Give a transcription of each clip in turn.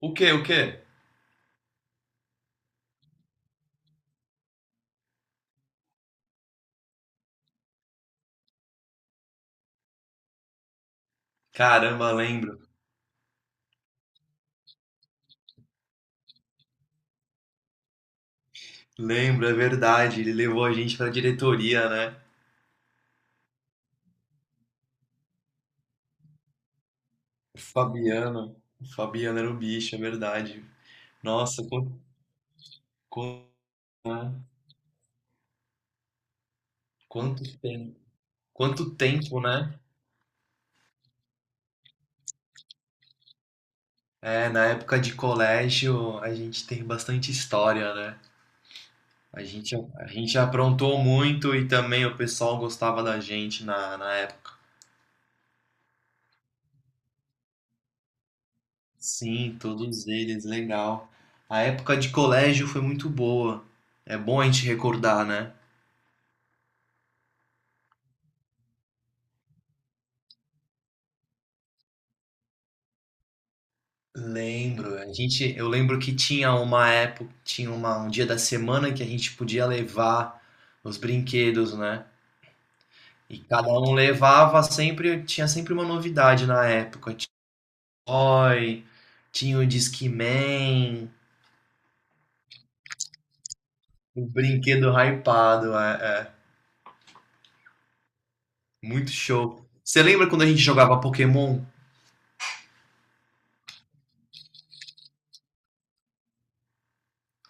O quê? O quê? Caramba, lembro. Lembro, é verdade. Ele levou a gente pra diretoria, né? O Fabiano. O Fabiano era o bicho, é verdade. Nossa, quanto, quanto tempo. Quanto tempo, né? É, na época de colégio a gente tem bastante história, né? A gente aprontou muito e também o pessoal gostava da gente na época. Sim, todos eles, legal. A época de colégio foi muito boa. É bom a gente recordar, né? Lembro, eu lembro que tinha uma época, um dia da semana que a gente podia levar os brinquedos, né? E cada um levava sempre, tinha sempre uma novidade na época. Tinha o Toy, tinha o Discman, o brinquedo hypado, é, muito show. Você lembra quando a gente jogava Pokémon?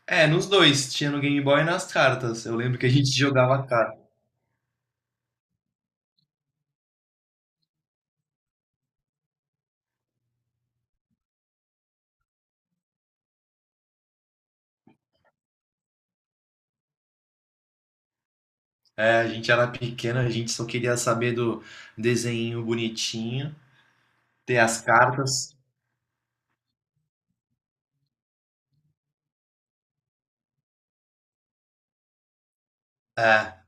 É, nos dois, tinha no Game Boy e nas cartas. Eu lembro que a gente jogava cartas. É, a gente era pequeno, a gente só queria saber do desenho bonitinho, ter as cartas. É,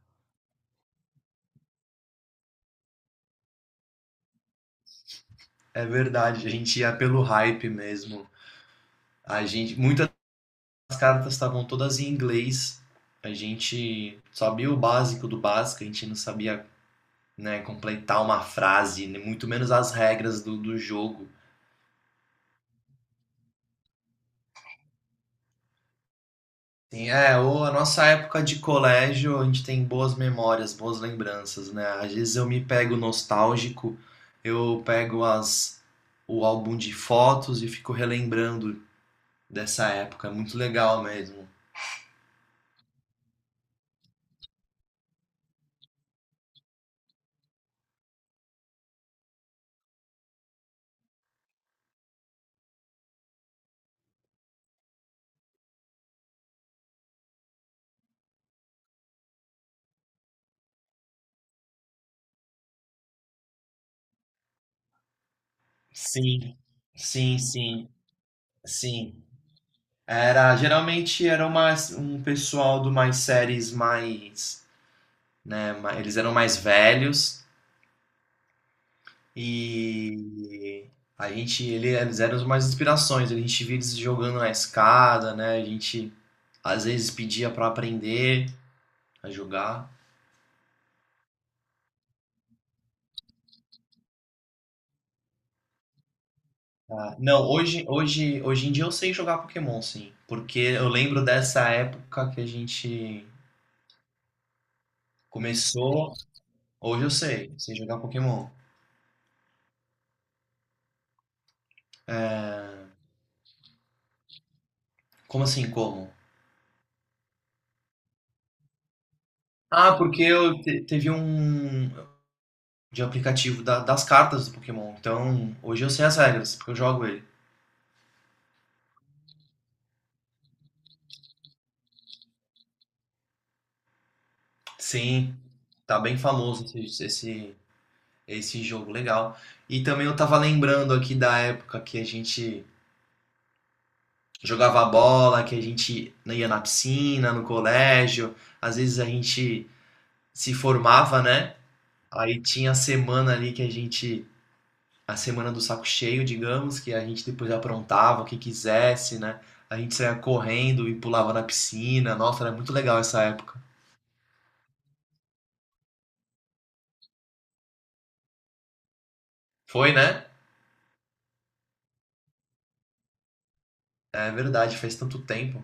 é verdade. A gente ia pelo hype mesmo. A gente, muitas das cartas estavam todas em inglês. A gente sabia o básico do básico, a gente não sabia, né, completar uma frase, nem muito menos as regras do jogo. Sim, é, ou a nossa época de colégio, a gente tem boas memórias, boas lembranças, né? Às vezes eu me pego nostálgico, eu pego as o álbum de fotos e fico relembrando dessa época, é muito legal mesmo. Sim, sim, sim, sim. Era, geralmente era mais um pessoal de umas séries mais, né, eles eram mais velhos e eles eram as mais inspirações, a gente via eles jogando na escada, né, a gente às vezes pedia pra aprender a jogar. Ah, não, hoje em dia eu sei jogar Pokémon, sim, porque eu lembro dessa época que a gente começou. Hoje eu sei jogar Pokémon. Como assim, como? Ah, porque teve um de aplicativo das cartas do Pokémon. Então, hoje eu sei as regras, porque eu jogo ele. Sim, tá bem famoso esse jogo, legal. E também eu tava lembrando aqui da época que a gente jogava bola, que a gente ia na piscina, no colégio. Às vezes a gente se formava, né? Aí tinha a semana ali que a semana do saco cheio, digamos, que a gente depois aprontava o que quisesse, né? A gente saía correndo e pulava na piscina. Nossa, era muito legal essa época. Foi, né? É verdade, faz tanto tempo.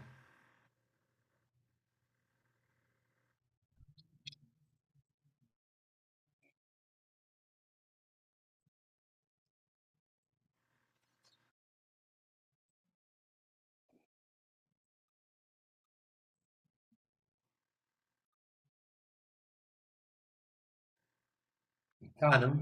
Caramba,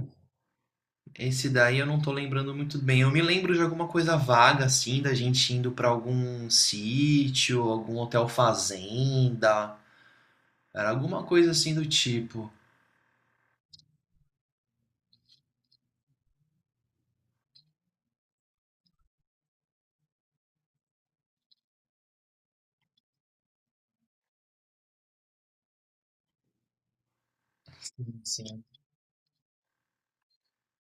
esse daí eu não tô lembrando muito bem. Eu me lembro de alguma coisa vaga, assim, da gente indo pra algum sítio, algum hotel fazenda. Era alguma coisa assim do tipo. Sim, sim.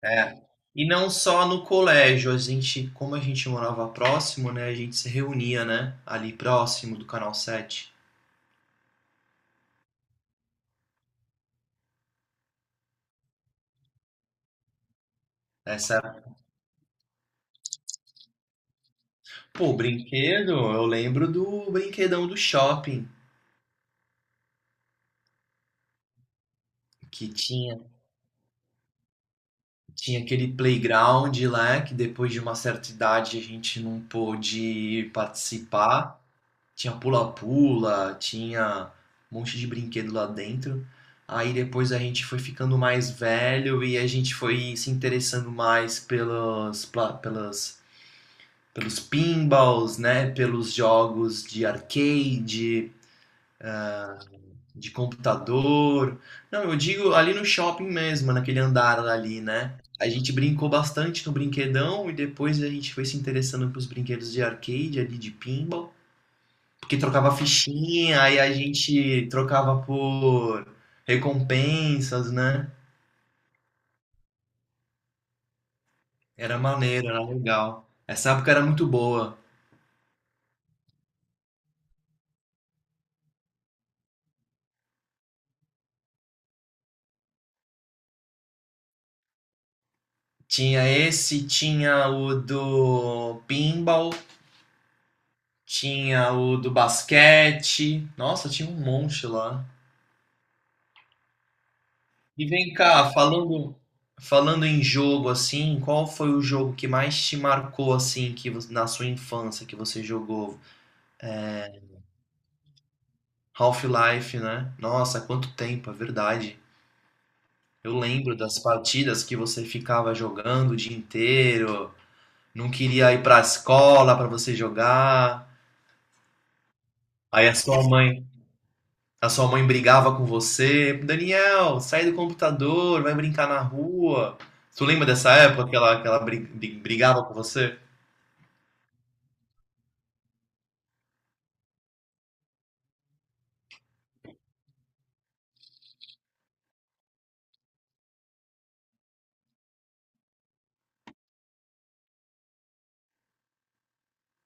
É. E não só no colégio, a gente, como a gente morava próximo, né, a gente se reunia, né, ali próximo do Canal 7. Essa, pô, brinquedo, eu lembro do brinquedão do shopping, que tinha, tinha aquele playground lá, que depois de uma certa idade a gente não pôde participar. Tinha pula-pula, tinha um monte de brinquedo lá dentro. Aí depois a gente foi ficando mais velho e a gente foi se interessando mais pelos pinballs, né? Pelos jogos de arcade, de computador. Não, eu digo ali no shopping mesmo, naquele andar ali, né? A gente brincou bastante no brinquedão e depois a gente foi se interessando pelos brinquedos de arcade ali, de pinball. Porque trocava fichinha, aí a gente trocava por recompensas, né? Era maneiro, era legal. Essa época era muito boa. Tinha esse, tinha o do pinball, tinha o do basquete. Nossa, tinha um monte lá. E vem cá, falando em jogo assim, qual foi o jogo que mais te marcou assim na sua infância que você jogou? Half-Life, né? Nossa, quanto tempo, é verdade. Eu lembro das partidas que você ficava jogando o dia inteiro, não queria ir pra escola pra você jogar. Aí a sua mãe brigava com você. Daniel, sai do computador, vai brincar na rua. Tu lembra dessa época que brigava com você?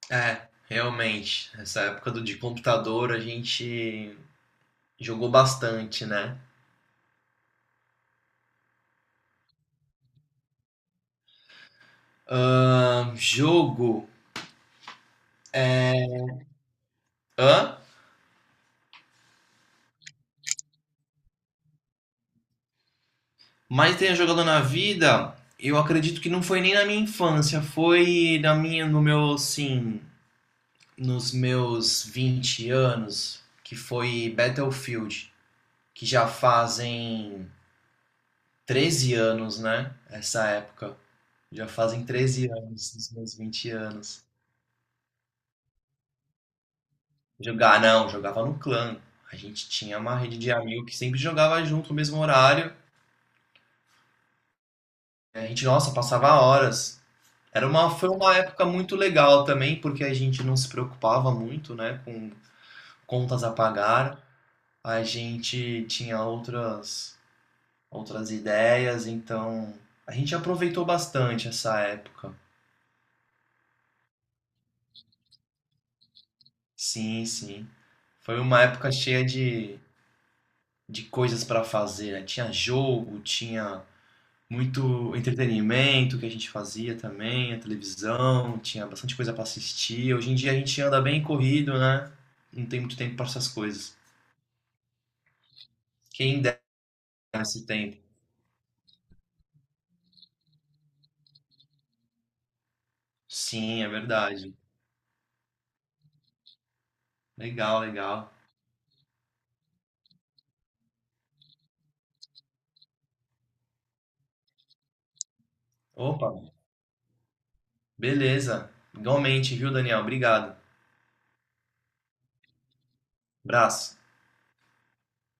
É, realmente. Essa época de computador a gente jogou bastante, né? Jogo. Hã? Mas tenha jogado na vida, eu acredito que não foi nem na minha infância, foi na minha, no meu, assim, nos meus 20 anos, que foi Battlefield, que já fazem 13 anos, né? Essa época. Já fazem treze anos, dos meus 20 anos. Jogar, não, jogava no clã. A gente tinha uma rede de amigos que sempre jogava junto no mesmo horário. A gente, nossa, passava horas. Foi uma época muito legal também, porque a gente não se preocupava muito, né, com contas a pagar. A gente tinha outras, outras ideias, então a gente aproveitou bastante essa época. Sim, sim. Foi uma época cheia de coisas para fazer, né? Tinha jogo, tinha muito entretenimento que a gente fazia também, a televisão, tinha bastante coisa para assistir. Hoje em dia a gente anda bem corrido, né? Não tem muito tempo para essas coisas. Quem dera esse tempo. Sim, é verdade. Legal, legal. Opa, beleza. Igualmente, viu, Daniel? Obrigado. Abraço.